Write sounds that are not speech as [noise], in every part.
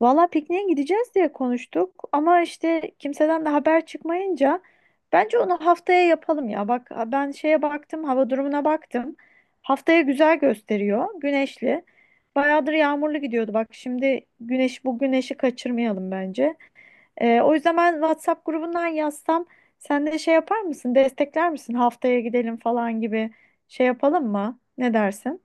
Valla pikniğe gideceğiz diye konuştuk ama işte kimseden de haber çıkmayınca bence onu haftaya yapalım ya. Bak ben şeye baktım, hava durumuna baktım. Haftaya güzel gösteriyor, güneşli. Bayağıdır yağmurlu gidiyordu bak şimdi güneş bu güneşi kaçırmayalım bence. O yüzden ben WhatsApp grubundan yazsam sen de şey yapar mısın, destekler misin haftaya gidelim falan gibi şey yapalım mı? Ne dersin?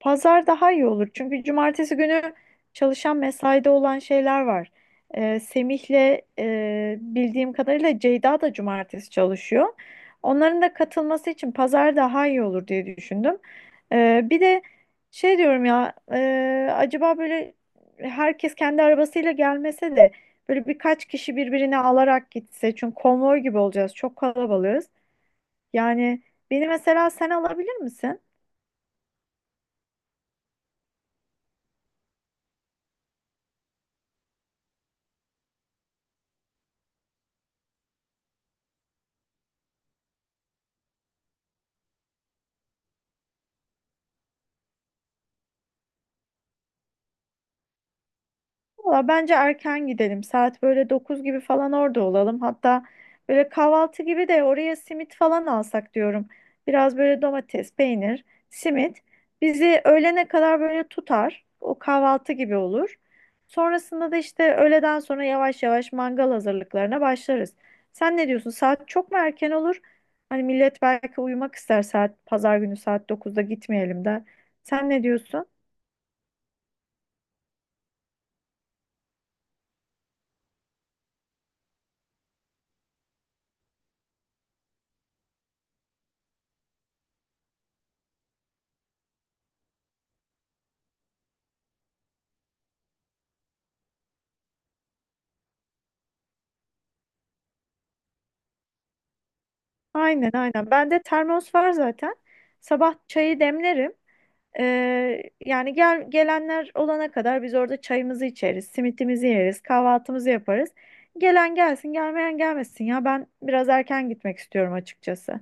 Pazar daha iyi olur. Çünkü cumartesi günü çalışan mesaide olan şeyler var. Semih'le bildiğim kadarıyla Ceyda da cumartesi çalışıyor. Onların da katılması için pazar daha iyi olur diye düşündüm. Bir de şey diyorum ya acaba böyle herkes kendi arabasıyla gelmese de böyle birkaç kişi birbirini alarak gitse. Çünkü konvoy gibi olacağız. Çok kalabalığız. Yani beni mesela sen alabilir misin? Valla bence erken gidelim. Saat böyle 9 gibi falan orada olalım. Hatta böyle kahvaltı gibi de oraya simit falan alsak diyorum. Biraz böyle domates, peynir, simit bizi öğlene kadar böyle tutar. O kahvaltı gibi olur. Sonrasında da işte öğleden sonra yavaş yavaş mangal hazırlıklarına başlarız. Sen ne diyorsun? Saat çok mu erken olur? Hani millet belki uyumak ister saat pazar günü saat dokuzda gitmeyelim de. Sen ne diyorsun? Aynen aynen. Bende termos var zaten. Sabah çayı demlerim. Yani gel, gelenler olana kadar biz orada çayımızı içeriz, simitimizi yeriz, kahvaltımızı yaparız. Gelen gelsin, gelmeyen gelmesin ya. Ben biraz erken gitmek istiyorum açıkçası.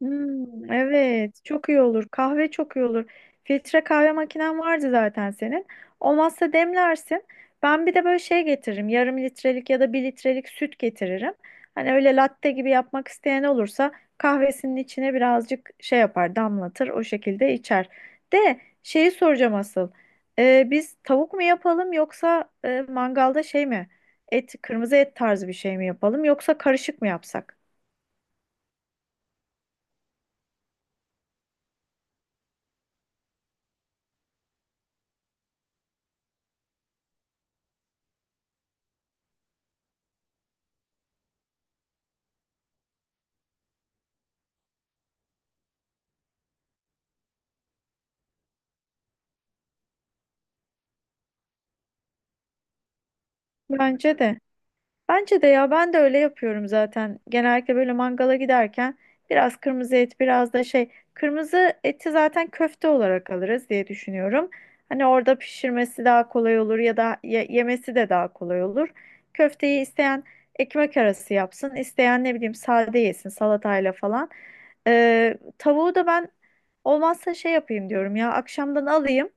Hmm, evet, çok iyi olur. Kahve çok iyi olur. Filtre kahve makinen vardı zaten senin. Olmazsa demlersin. Ben bir de böyle şey getiririm. Yarım litrelik ya da bir litrelik süt getiririm. Hani öyle latte gibi yapmak isteyen olursa kahvesinin içine birazcık şey yapar, damlatır, o şekilde içer. De şeyi soracağım asıl. Biz tavuk mu yapalım yoksa mangalda şey mi? Et, kırmızı et tarzı bir şey mi yapalım yoksa karışık mı yapsak? Bence de. Bence de ya ben de öyle yapıyorum zaten. Genellikle böyle mangala giderken biraz kırmızı et, biraz da şey kırmızı eti zaten köfte olarak alırız diye düşünüyorum. Hani orada pişirmesi daha kolay olur ya da yemesi de daha kolay olur. Köfteyi isteyen ekmek arası yapsın, isteyen ne bileyim sade yesin salatayla falan. Tavuğu da ben olmazsa şey yapayım diyorum ya akşamdan alayım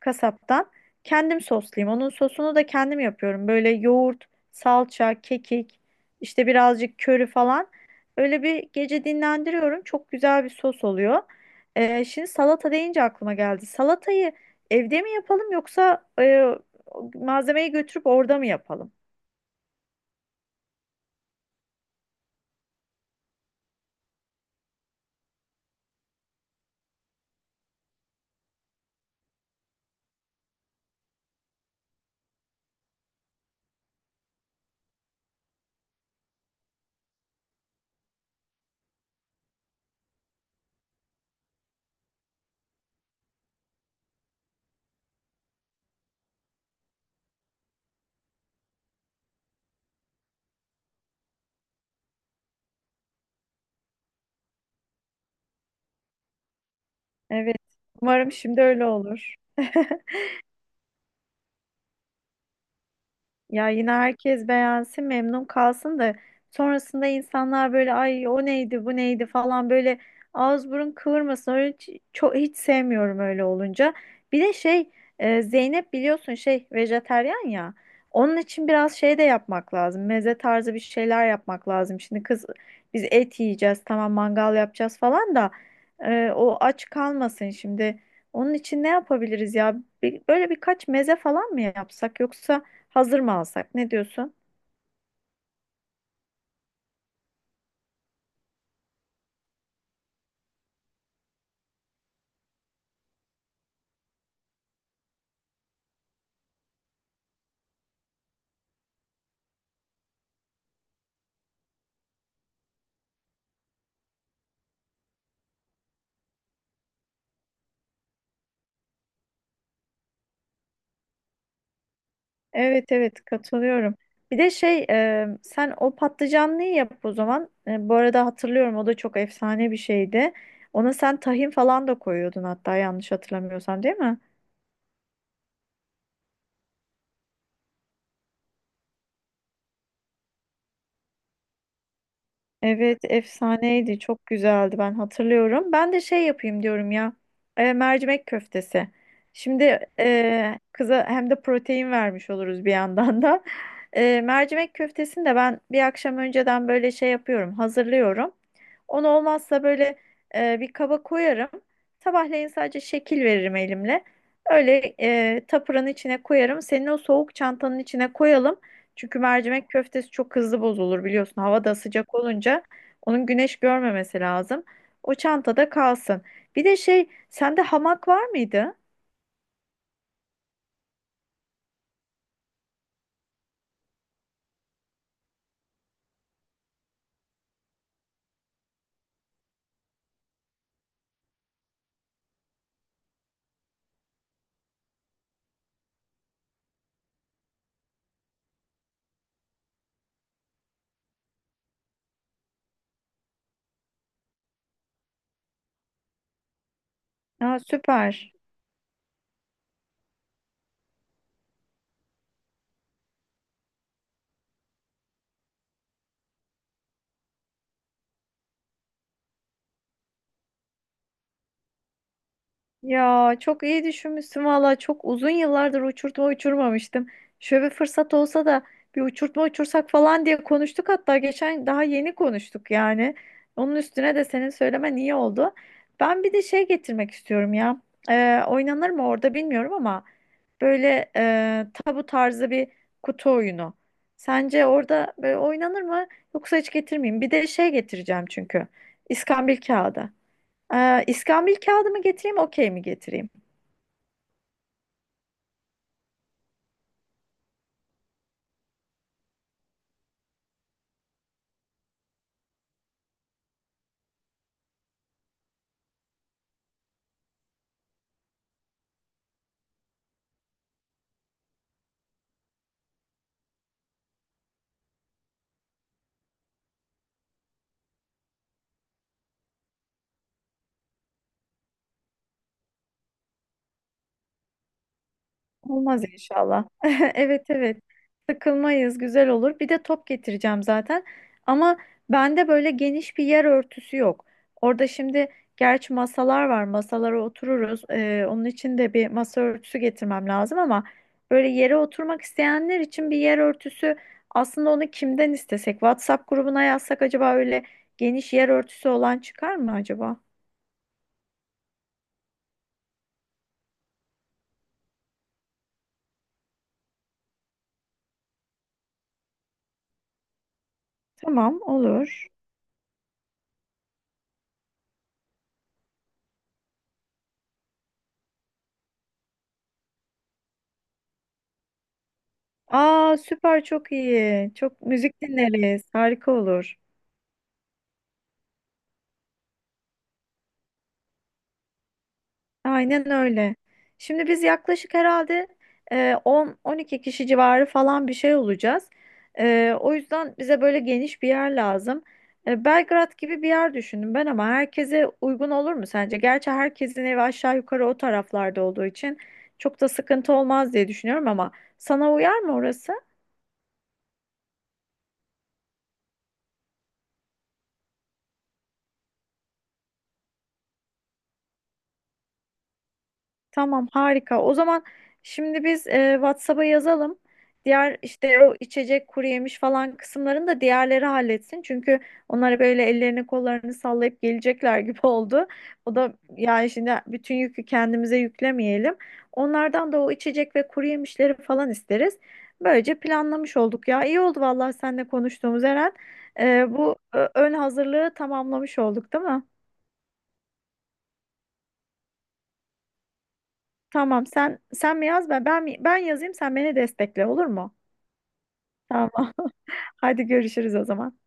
kasaptan. Kendim soslayayım. Onun sosunu da kendim yapıyorum. Böyle yoğurt salça, kekik, işte birazcık köri falan. Öyle bir gece dinlendiriyorum. Çok güzel bir sos oluyor. Şimdi salata deyince aklıma geldi. Salatayı evde mi yapalım yoksa malzemeyi götürüp orada mı yapalım? Evet. Umarım şimdi öyle olur. [laughs] Ya yine herkes beğensin, memnun kalsın da sonrasında insanlar böyle ay o neydi, bu neydi falan böyle ağız burun kıvırmasın. Öyle hiç, çok hiç sevmiyorum öyle olunca. Bir de şey Zeynep biliyorsun şey vejetaryen ya. Onun için biraz şey de yapmak lazım. Meze tarzı bir şeyler yapmak lazım. Şimdi kız biz et yiyeceğiz, tamam mangal yapacağız falan da o aç kalmasın şimdi. Onun için ne yapabiliriz ya? Bir- böyle birkaç meze falan mı yapsak yoksa hazır mı alsak? Ne diyorsun? Evet evet katılıyorum. Bir de şey sen o patlıcanlıyı yap o zaman. Bu arada hatırlıyorum o da çok efsane bir şeydi. Ona sen tahin falan da koyuyordun hatta yanlış hatırlamıyorsam değil mi? Evet efsaneydi çok güzeldi ben hatırlıyorum. Ben de şey yapayım diyorum ya mercimek köftesi. Şimdi kıza hem de protein vermiş oluruz bir yandan da. Mercimek köftesini de ben bir akşam önceden böyle şey yapıyorum hazırlıyorum. Onu olmazsa böyle bir kaba koyarım. Sabahleyin sadece şekil veririm elimle. Öyle tapuranın içine koyarım. Senin o soğuk çantanın içine koyalım. Çünkü mercimek köftesi çok hızlı bozulur biliyorsun. Hava da sıcak olunca onun güneş görmemesi lazım. O çantada kalsın. Bir de şey, sende hamak var mıydı? Aa, süper. Ya çok iyi düşünmüşsün valla çok uzun yıllardır uçurtma uçurmamıştım. Şöyle bir fırsat olsa da bir uçurtma uçursak falan diye konuştuk hatta geçen daha yeni konuştuk yani. Onun üstüne de senin söylemen iyi oldu. Ben bir de şey getirmek istiyorum ya. Oynanır mı orada bilmiyorum ama böyle tabu tarzı bir kutu oyunu. Sence orada böyle oynanır mı yoksa hiç getirmeyeyim? Bir de şey getireceğim çünkü. İskambil kağıdı. İskambil kağıdı mı getireyim, okey mi getireyim? Olmaz inşallah. [laughs] Evet evet. Sıkılmayız, güzel olur. Bir de top getireceğim zaten. Ama bende böyle geniş bir yer örtüsü yok. Orada şimdi gerçi masalar var. Masalara otururuz. Onun için de bir masa örtüsü getirmem lazım ama böyle yere oturmak isteyenler için bir yer örtüsü aslında onu kimden istesek? WhatsApp grubuna yazsak acaba öyle geniş yer örtüsü olan çıkar mı acaba? Tamam, olur. Aa süper çok iyi. Çok müzik dinleriz. Harika olur. Aynen öyle. Şimdi biz yaklaşık herhalde 10-12 kişi civarı falan bir şey olacağız. O yüzden bize böyle geniş bir yer lazım. Belgrad gibi bir yer düşündüm ben ama herkese uygun olur mu sence? Gerçi herkesin evi aşağı yukarı o taraflarda olduğu için çok da sıkıntı olmaz diye düşünüyorum ama sana uyar mı orası? Tamam harika. O zaman şimdi biz WhatsApp'a yazalım. Diğer işte o içecek kuru yemiş falan kısımlarını da diğerleri halletsin. Çünkü onlar böyle ellerini kollarını sallayıp gelecekler gibi [laughs] oldu. O da yani şimdi bütün yükü kendimize yüklemeyelim. Onlardan da o içecek ve kuru yemişleri falan isteriz. Böylece planlamış olduk ya. İyi oldu vallahi seninle konuştuğumuz Eren. Bu ön hazırlığı tamamlamış olduk, değil mi? Tamam sen mi yaz ben yazayım sen beni destekle olur mu? Tamam. [laughs] Hadi görüşürüz o zaman.